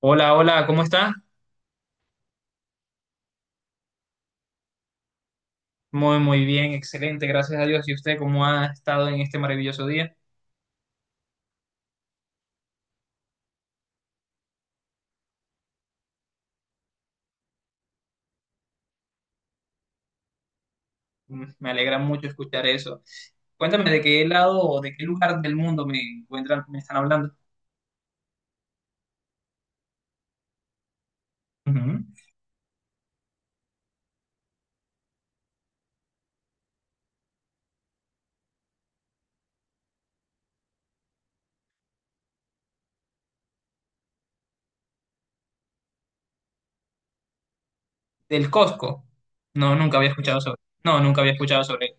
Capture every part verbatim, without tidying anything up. Hola, hola, ¿cómo está? Muy, muy bien, excelente, gracias a Dios. ¿Y usted cómo ha estado en este maravilloso día? Mm, Me alegra mucho escuchar eso. Cuéntame de qué lado o de qué lugar del mundo me encuentran, me están hablando. Ujú. Del Costco. No, nunca había escuchado sobre. No, nunca había escuchado sobre.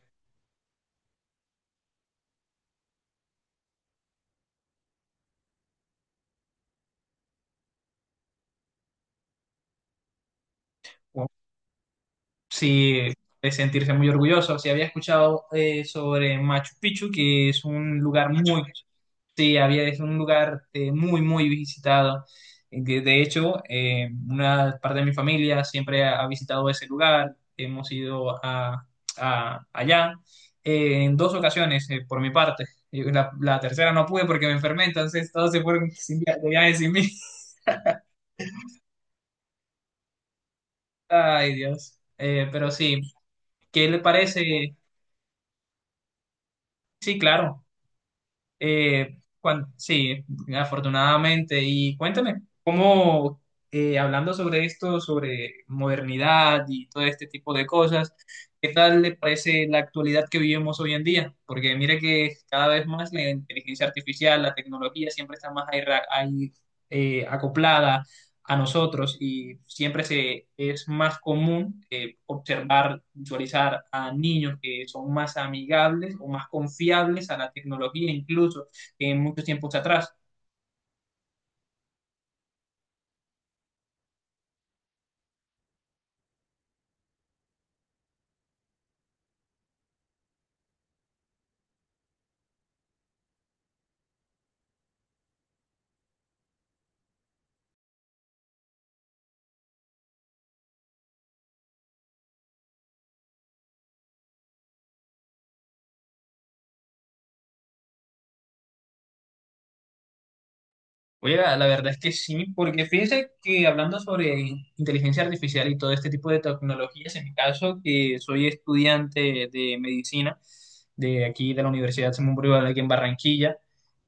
Sí, de sentirse muy orgulloso. Sí, había escuchado eh, sobre Machu Picchu, que es un lugar muy, sí, había, es un lugar eh, muy, muy visitado. De de hecho, eh, una parte de mi familia siempre ha, ha visitado ese lugar. Hemos ido a, a- allá eh, en dos ocasiones, eh, por mi parte. Y La, la tercera no pude porque me enfermé, entonces todos se fueron sin via- de viaje sin mí. Ay, Dios. Eh, pero sí, ¿qué le parece? Sí, claro. Eh, cuan- sí, afortunadamente. Y cuéntame, ¿cómo, eh, hablando sobre esto, sobre modernidad y todo este tipo de cosas, ¿qué tal le parece la actualidad que vivimos hoy en día? Porque mire que cada vez más la inteligencia artificial, la tecnología siempre está más ahí ra- ahí, eh, acoplada a nosotros y siempre se, es más común eh, observar, visualizar a niños que son más amigables o más confiables a la tecnología incluso que en muchos tiempos atrás. Oye, la, la verdad es que sí, porque fíjese que hablando sobre inteligencia artificial y todo este tipo de tecnologías, en mi caso, que soy estudiante de medicina de aquí de la Universidad Simón Bolívar aquí en Barranquilla,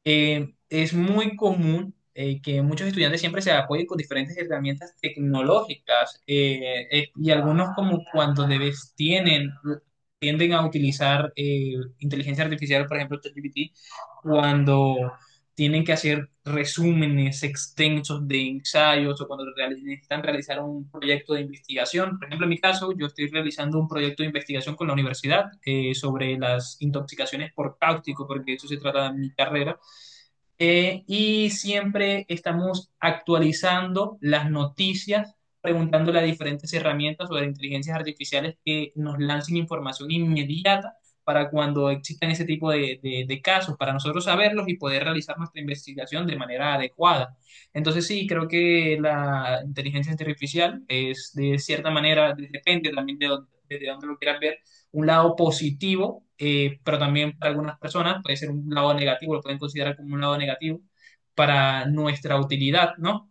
eh, es muy común eh, que muchos estudiantes siempre se apoyen con diferentes herramientas tecnológicas eh, eh, y algunos como cuando debes tienen, tienden a utilizar eh, inteligencia artificial, por ejemplo, ChatGPT, cuando tienen que hacer resúmenes extensos de ensayos o cuando reali- necesitan realizar un proyecto de investigación. Por ejemplo, en mi caso, yo estoy realizando un proyecto de investigación con la universidad eh, sobre las intoxicaciones por cáustico, porque de eso se trata de mi carrera. Eh, y siempre estamos actualizando las noticias, preguntándole a diferentes herramientas o a inteligencias artificiales que nos lancen información inmediata para cuando existan ese tipo de, de- de casos, para nosotros saberlos y poder realizar nuestra investigación de manera adecuada. Entonces sí, creo que la inteligencia artificial es de cierta manera, depende también de dónde, desde dónde lo quieras ver, un lado positivo, eh, pero también para algunas personas puede ser un lado negativo, lo pueden considerar como un lado negativo para nuestra utilidad, ¿no?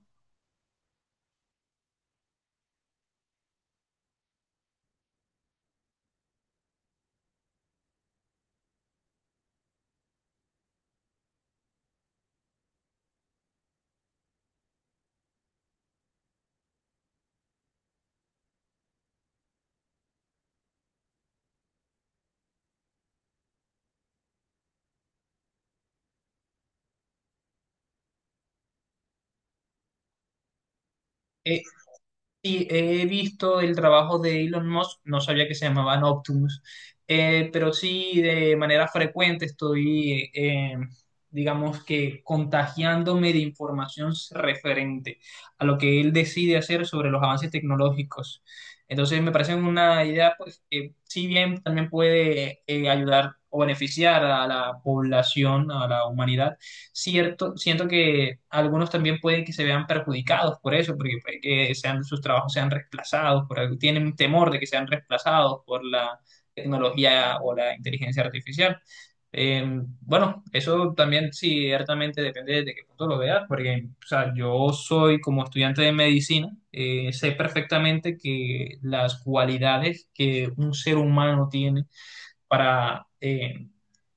Eh, Sí, he visto el trabajo de Elon Musk, no sabía que se llamaban Optimus, eh, pero sí de manera frecuente estoy, eh, digamos que contagiándome de información referente a lo que él decide hacer sobre los avances tecnológicos. Entonces me parece una idea pues, que si bien también puede eh, ayudar o beneficiar a la población, a la humanidad, cierto, siento que algunos también pueden que se vean perjudicados por eso, porque puede que sean, sus trabajos sean reemplazados, por algo, tienen temor de que sean reemplazados por la tecnología o la inteligencia artificial. Eh, bueno, eso también sí, ciertamente depende de qué punto lo veas, porque o sea, yo soy como estudiante de medicina, eh, sé perfectamente que las cualidades que un ser humano tiene para eh,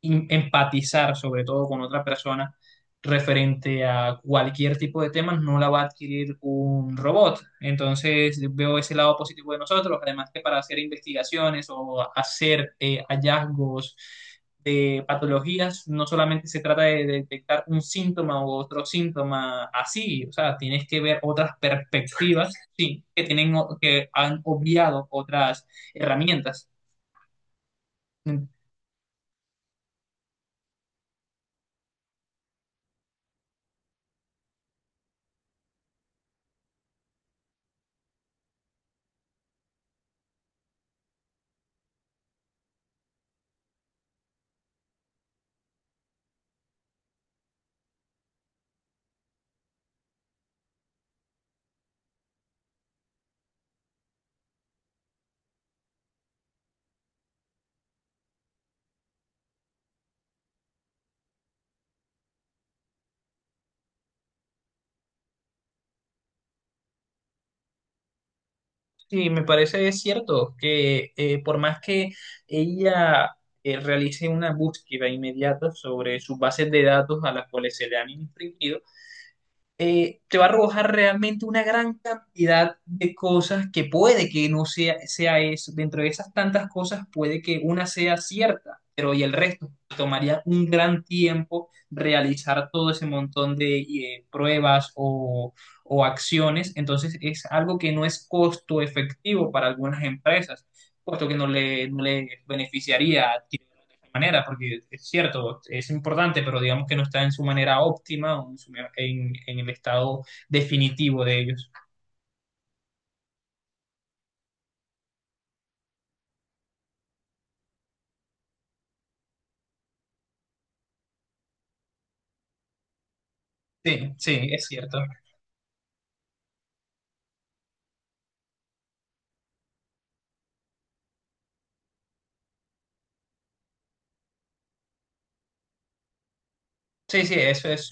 in- empatizar sobre todo con otra persona referente a cualquier tipo de temas, no la va a adquirir un robot. Entonces veo ese lado positivo de nosotros, además que para hacer investigaciones o hacer eh, hallazgos de patologías, no solamente se trata de detectar un síntoma u otro síntoma así, o sea, tienes que ver otras perspectivas, sí, que tienen o- que han obviado otras herramientas. Sí, me parece cierto que eh, por más que ella eh, realice una búsqueda inmediata sobre sus bases de datos a las cuales se le han infringido, eh, te va a arrojar realmente una gran cantidad de cosas que puede que no sea, sea eso. Dentro de esas tantas cosas puede que una sea cierta, pero y el resto tomaría un gran tiempo realizar todo ese montón de eh, pruebas o, o acciones. Entonces es algo que no es costo efectivo para algunas empresas puesto que no le, no le beneficiaría adquirirlo de esta manera, porque es cierto, es importante, pero digamos que no está en su manera óptima o en, su- en- en el estado definitivo de ellos. Sí, sí, es cierto. Sí, sí, eso es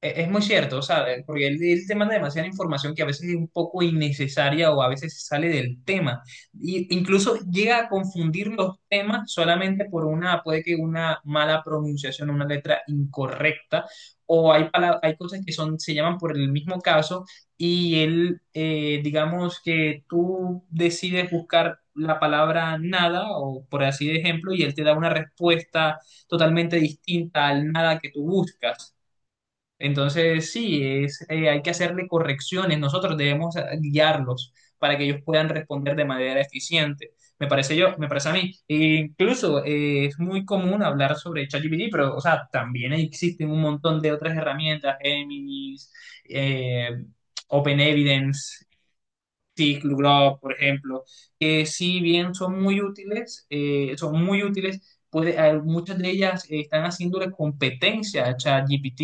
e- es muy cierto, ¿sabes? Porque él, él te manda demasiada información que a veces es un poco innecesaria o a veces sale del tema. Y incluso llega a confundir los temas solamente por una, puede que una mala pronunciación, una letra incorrecta, o hay, pala- hay cosas que son, se llaman por el mismo caso y él, eh, digamos que tú decides buscar la palabra nada, o por así de ejemplo, y él te da una respuesta totalmente distinta al nada que tú buscas. Entonces, sí, es, eh, hay que hacerle correcciones. Nosotros debemos eh, guiarlos para que ellos puedan responder de manera eficiente. Me parece yo, me parece a mí. E incluso eh, es muy común hablar sobre ChatGPT, pero, o sea, también existen un montón de otras herramientas, Géminis, eh, OpenEvidence, Glue, por ejemplo, que si bien son muy útiles, eh, son muy útiles, puede, eh, muchas de ellas eh, están haciéndole competencia a ChatGPT.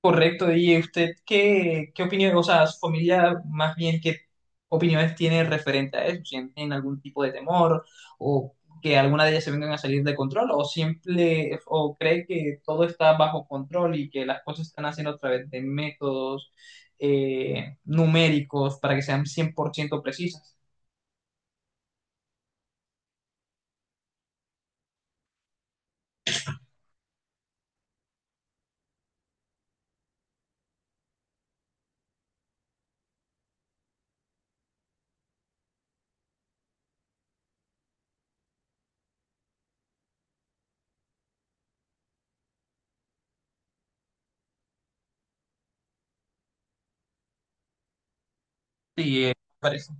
Correcto, y usted qué, qué opinión, o sea, su familia más bien qué opiniones tiene referente a eso, sienten algún tipo de temor o que alguna de ellas se vengan a salir de control o siempre o cree que todo está bajo control y que las cosas se están haciendo a través de métodos eh, numéricos para que sean cien por ciento precisas. Sí, eh, parece.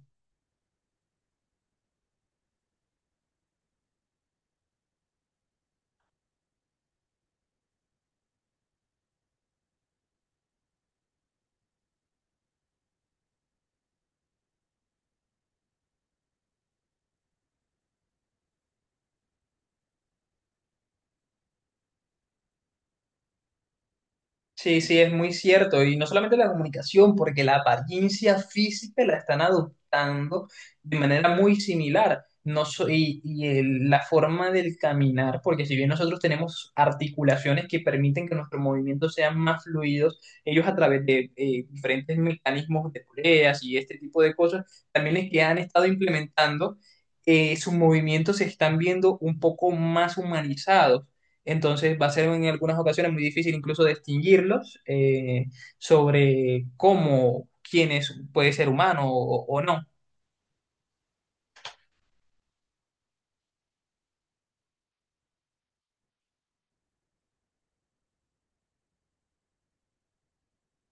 Sí, sí, es muy cierto. Y no solamente la comunicación, porque la apariencia física la están adoptando de manera muy similar. No so- y y el- la forma del caminar, porque si bien nosotros tenemos articulaciones que permiten que nuestros movimientos sean más fluidos, ellos a través de eh, diferentes mecanismos de poleas y este tipo de cosas, también es que han estado implementando, eh, sus movimientos se están viendo un poco más humanizados. Entonces va a ser en algunas ocasiones muy difícil incluso distinguirlos eh, sobre cómo, quién es, puede ser humano o, o no.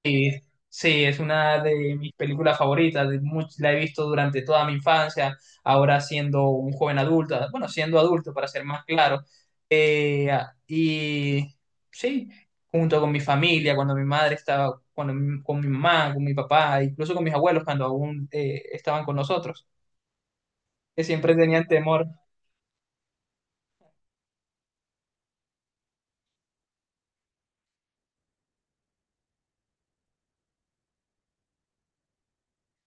Eh, sí, es una de mis películas favoritas, de much- la he visto durante toda mi infancia, ahora siendo un joven adulto, bueno, siendo adulto para ser más claro. Eh, y sí, junto con mi familia, cuando mi madre estaba, cuando mi- con mi mamá, con mi papá, incluso con mis abuelos cuando aún eh, estaban con nosotros, que siempre tenían temor.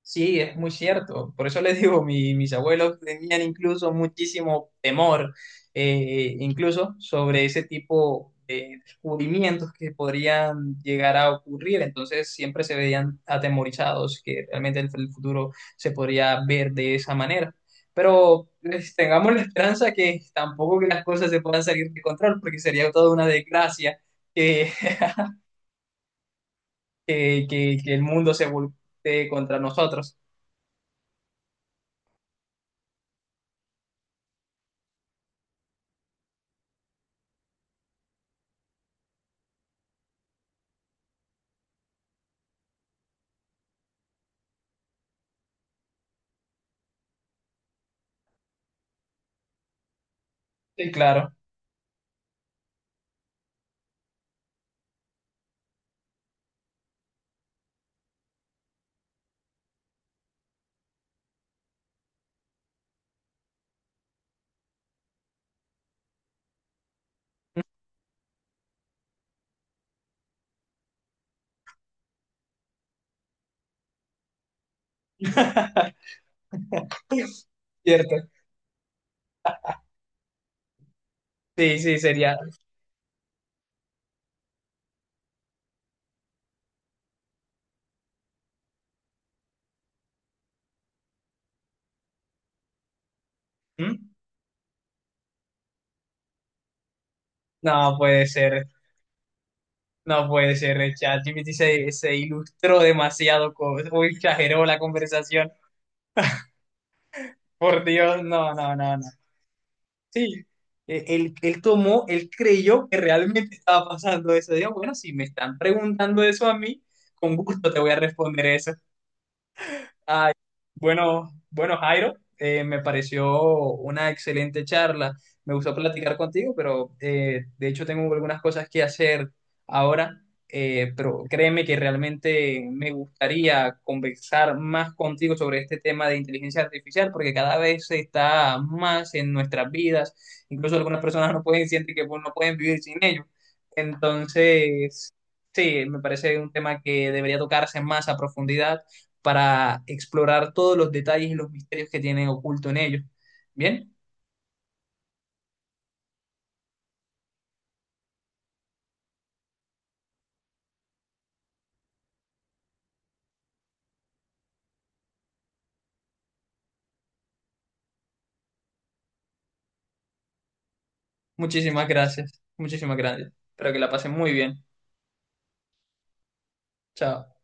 Sí, es muy cierto. Por eso les digo, mi- mis abuelos tenían incluso muchísimo temor, eh, incluso sobre ese tipo de descubrimientos que podrían llegar a ocurrir. Entonces siempre se veían atemorizados, que realmente el, el futuro se podría ver de esa manera. Pero pues, tengamos la esperanza que tampoco que las cosas se puedan salir de control, porque sería toda una desgracia que, que, que- que el mundo se voltee contra nosotros. Sí, claro. Cierto. Sí, sí, sería. ¿Mm? No puede ser. No puede ser. El ChatGPT se, se ilustró demasiado. Con, uy, exageró la conversación. Por Dios, no, no, no, no. Sí. Eh, Él, él tomó, él creyó que realmente estaba pasando eso. Digo, bueno, si me están preguntando eso a mí, con gusto te voy a responder eso. Bueno, bueno, Jairo, eh, me pareció una excelente charla. Me gustó platicar contigo, pero eh, de hecho tengo algunas cosas que hacer ahora, eh, pero créeme que realmente me gustaría conversar más contigo sobre este tema de inteligencia artificial, porque cada vez está más en nuestras vidas. Incluso algunas personas no pueden sentir que pues, no pueden vivir sin ello. Entonces, sí, me parece un tema que debería tocarse más a profundidad para explorar todos los detalles y los misterios que tienen oculto en ellos. Bien, muchísimas gracias, muchísimas gracias. Espero que la pasen muy bien. Chao.